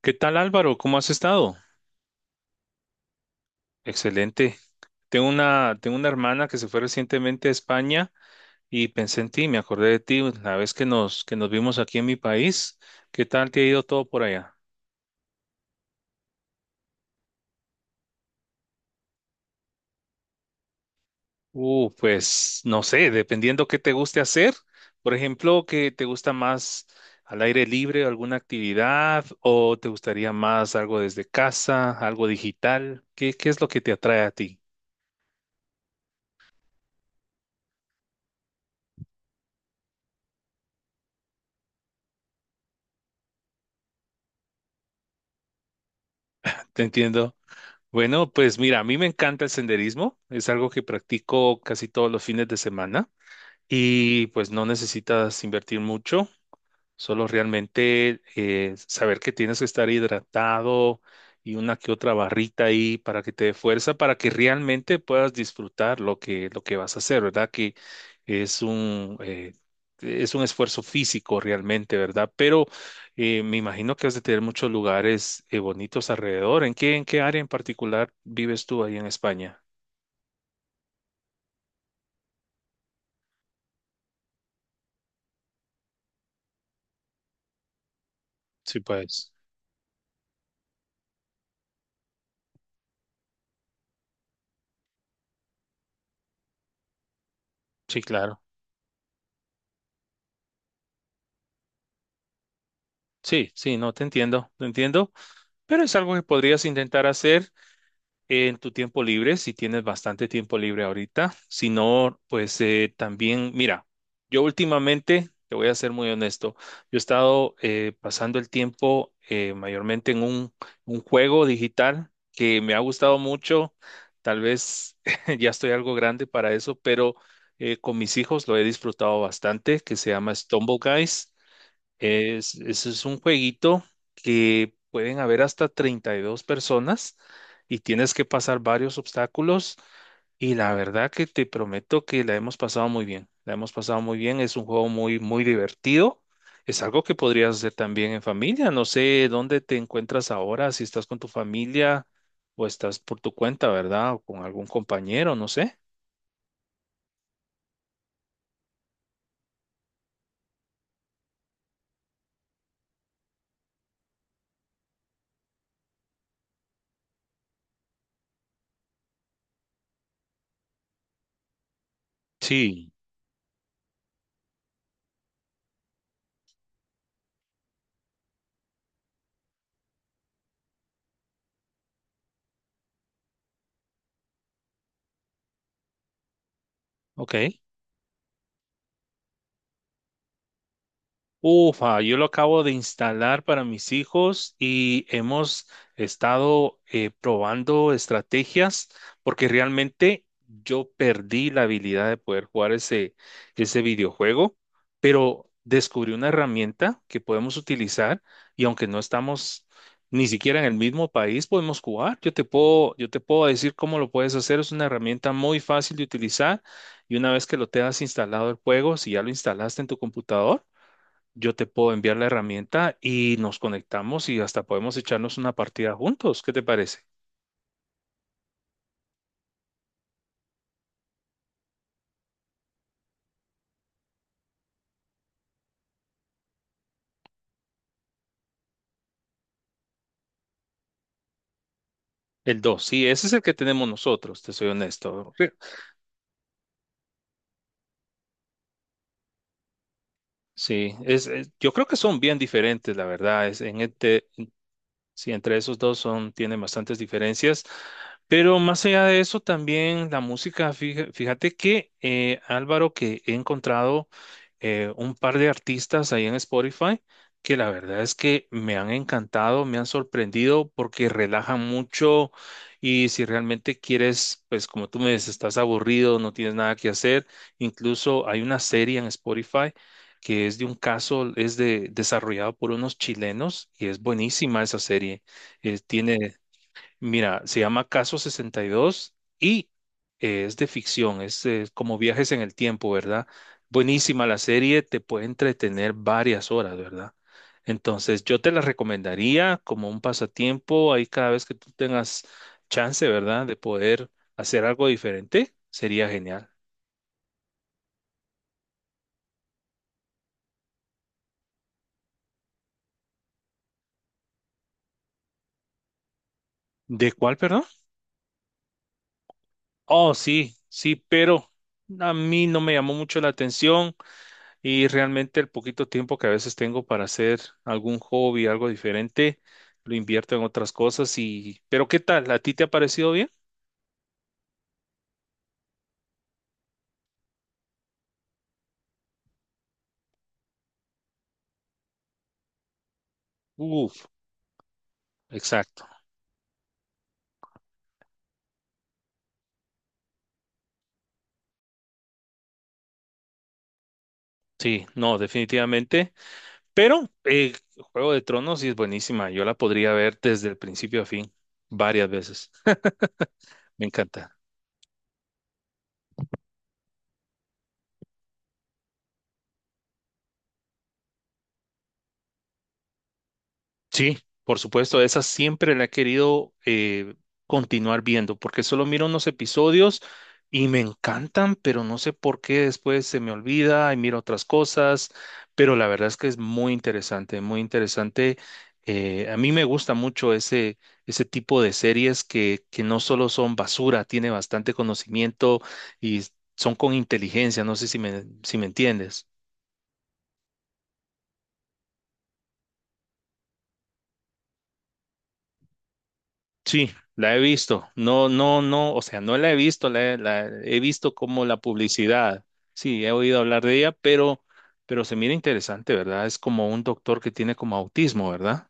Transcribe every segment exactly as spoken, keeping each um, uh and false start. ¿Qué tal, Álvaro? ¿Cómo has estado? Excelente. Tengo una, tengo una hermana que se fue recientemente a España y pensé en ti, me acordé de ti la vez que nos, que nos vimos aquí en mi país. ¿Qué tal te ha ido todo por allá? Uh, pues no sé, dependiendo qué te guste hacer. Por ejemplo, ¿qué te gusta más, al aire libre, alguna actividad, o te gustaría más algo desde casa, algo digital? ¿Qué, qué es lo que te atrae a ti? Te entiendo. Bueno, pues mira, a mí me encanta el senderismo, es algo que practico casi todos los fines de semana y pues no necesitas invertir mucho. Solo realmente eh, saber que tienes que estar hidratado y una que otra barrita ahí para que te dé fuerza, para que realmente puedas disfrutar lo que, lo que vas a hacer, ¿verdad? Que es un, eh, es un esfuerzo físico realmente, ¿verdad? Pero eh, me imagino que has de tener muchos lugares eh, bonitos alrededor. ¿En qué, en qué área en particular vives tú ahí en España? Sí, pues. Sí, claro. Sí, sí, no, te entiendo, te entiendo. Pero es algo que podrías intentar hacer en tu tiempo libre, si tienes bastante tiempo libre ahorita. Si no, pues eh, también, mira, yo últimamente, te voy a ser muy honesto, yo he estado eh, pasando el tiempo eh, mayormente en un, un juego digital que me ha gustado mucho. Tal vez ya estoy algo grande para eso, pero eh, con mis hijos lo he disfrutado bastante, que se llama Stumble Guys. Es, ese es un jueguito que pueden haber hasta treinta y dos personas y tienes que pasar varios obstáculos. Y la verdad que te prometo que la hemos pasado muy bien. La hemos pasado muy bien. Es un juego muy, muy divertido. Es algo que podrías hacer también en familia. No sé dónde te encuentras ahora, si estás con tu familia o estás por tu cuenta, ¿verdad? O con algún compañero, no sé. Sí, ok. Ufa, yo lo acabo de instalar para mis hijos y hemos estado eh, probando estrategias porque realmente yo perdí la habilidad de poder jugar ese, ese videojuego, pero descubrí una herramienta que podemos utilizar y aunque no estamos ni siquiera en el mismo país, podemos jugar. Yo te puedo, yo te puedo decir cómo lo puedes hacer. Es una herramienta muy fácil de utilizar y una vez que lo tengas instalado el juego, si ya lo instalaste en tu computador, yo te puedo enviar la herramienta y nos conectamos y hasta podemos echarnos una partida juntos. ¿Qué te parece? El dos. Sí, ese es el que tenemos nosotros, te soy honesto. Sí, sí, es, es- yo creo que son bien diferentes, la verdad. Es, en este, sí, entre esos dos son, tienen bastantes diferencias. Pero más allá de eso, también la música, fija- fíjate que eh, Álvaro, que he encontrado eh, un par de artistas ahí en Spotify que la verdad es que me han encantado, me han sorprendido porque relajan mucho y si realmente quieres, pues como tú me dices, estás aburrido, no tienes nada que hacer, incluso hay una serie en Spotify que es de un caso, es de, desarrollado por unos chilenos y es buenísima esa serie. Eh, tiene, mira, se llama Caso sesenta y dos y dos y eh, es de ficción, es eh, como viajes en el tiempo, ¿verdad? Buenísima la serie, te puede entretener varias horas, ¿verdad? Entonces, yo te la recomendaría como un pasatiempo, ahí cada vez que tú tengas chance, ¿verdad? De poder hacer algo diferente, sería genial. ¿De cuál, perdón? Oh, sí, sí, pero a mí no me llamó mucho la atención y realmente el poquito tiempo que a veces tengo para hacer algún hobby, algo diferente, lo invierto en otras cosas y... Pero ¿qué tal? ¿A ti te ha parecido bien? Uf, exacto. Sí, no, definitivamente. Pero eh, Juego de Tronos sí es buenísima. Yo la podría ver desde el principio a fin varias veces. Me encanta. Sí, por supuesto, esa siempre la he querido eh, continuar viendo, porque solo miro unos episodios y me encantan, pero no sé por qué después se me olvida y miro otras cosas, pero la verdad es que es muy interesante, muy interesante. Eh, a mí me gusta mucho ese, ese tipo de series que, que no solo son basura, tiene bastante conocimiento y son con inteligencia, no sé si me, si me entiendes. Sí, la he visto. No, no, no, o sea, no la he visto, la, he la he visto como la publicidad. Sí, he oído hablar de ella, pero, pero se mira interesante, ¿verdad? Es como un doctor que tiene como autismo, ¿verdad?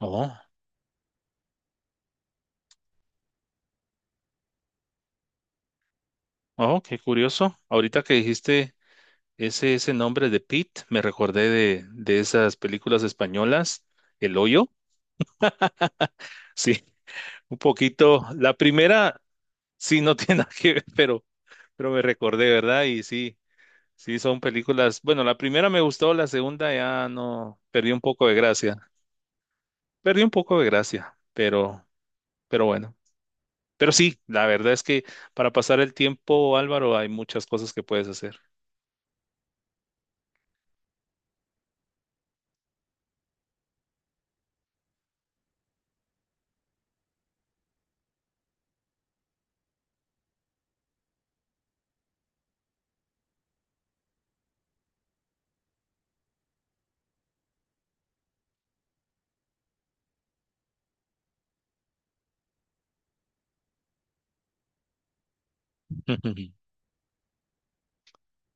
Oh, oh, qué curioso. Ahorita que dijiste ese, ese nombre de Pete, me recordé de, de esas películas españolas, El Hoyo. Sí, un poquito. La primera, sí, no tiene nada que ver, pero, pero me recordé, ¿verdad? Y sí. Sí, son películas. Bueno, la primera me gustó, la segunda ya no, perdí un poco de gracia. Perdí un poco de gracia, pero, pero bueno. Pero sí, la verdad es que para pasar el tiempo, Álvaro, hay muchas cosas que puedes hacer.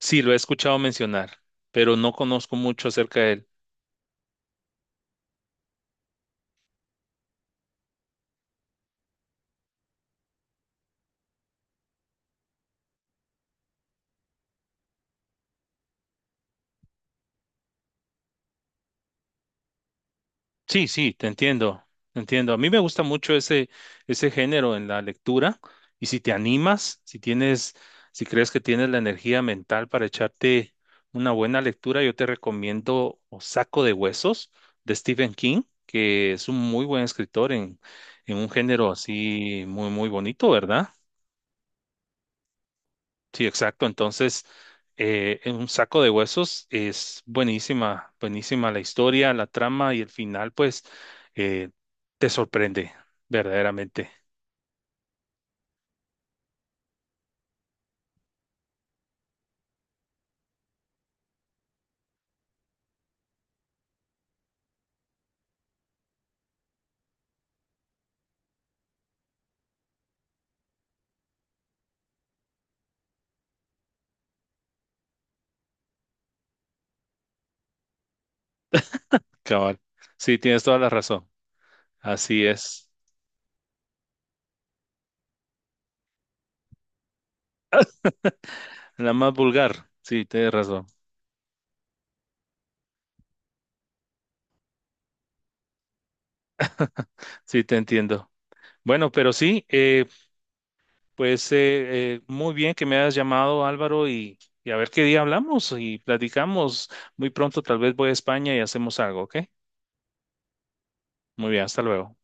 Sí, lo he escuchado mencionar, pero no conozco mucho acerca de él. Sí, sí, te entiendo, te entiendo. A mí me gusta mucho ese, ese género en la lectura y si te animas, si tienes, si crees que tienes la energía mental para echarte una buena lectura, yo te recomiendo O Saco de Huesos de Stephen King, que es un muy buen escritor en, en un género así muy, muy bonito, ¿verdad? Sí, exacto. Entonces, eh, en un saco de huesos es buenísima, buenísima la historia, la trama y el final, pues, eh, te sorprende, verdaderamente. Cabal. Sí, tienes toda la razón. Así es. La más vulgar. Sí, tienes razón. Sí, te entiendo. Bueno, pero sí, eh, pues eh, eh, muy bien que me hayas llamado, Álvaro, y, y a ver qué día hablamos y platicamos. Muy pronto tal vez voy a España y hacemos algo, ¿ok? Muy bien, hasta luego.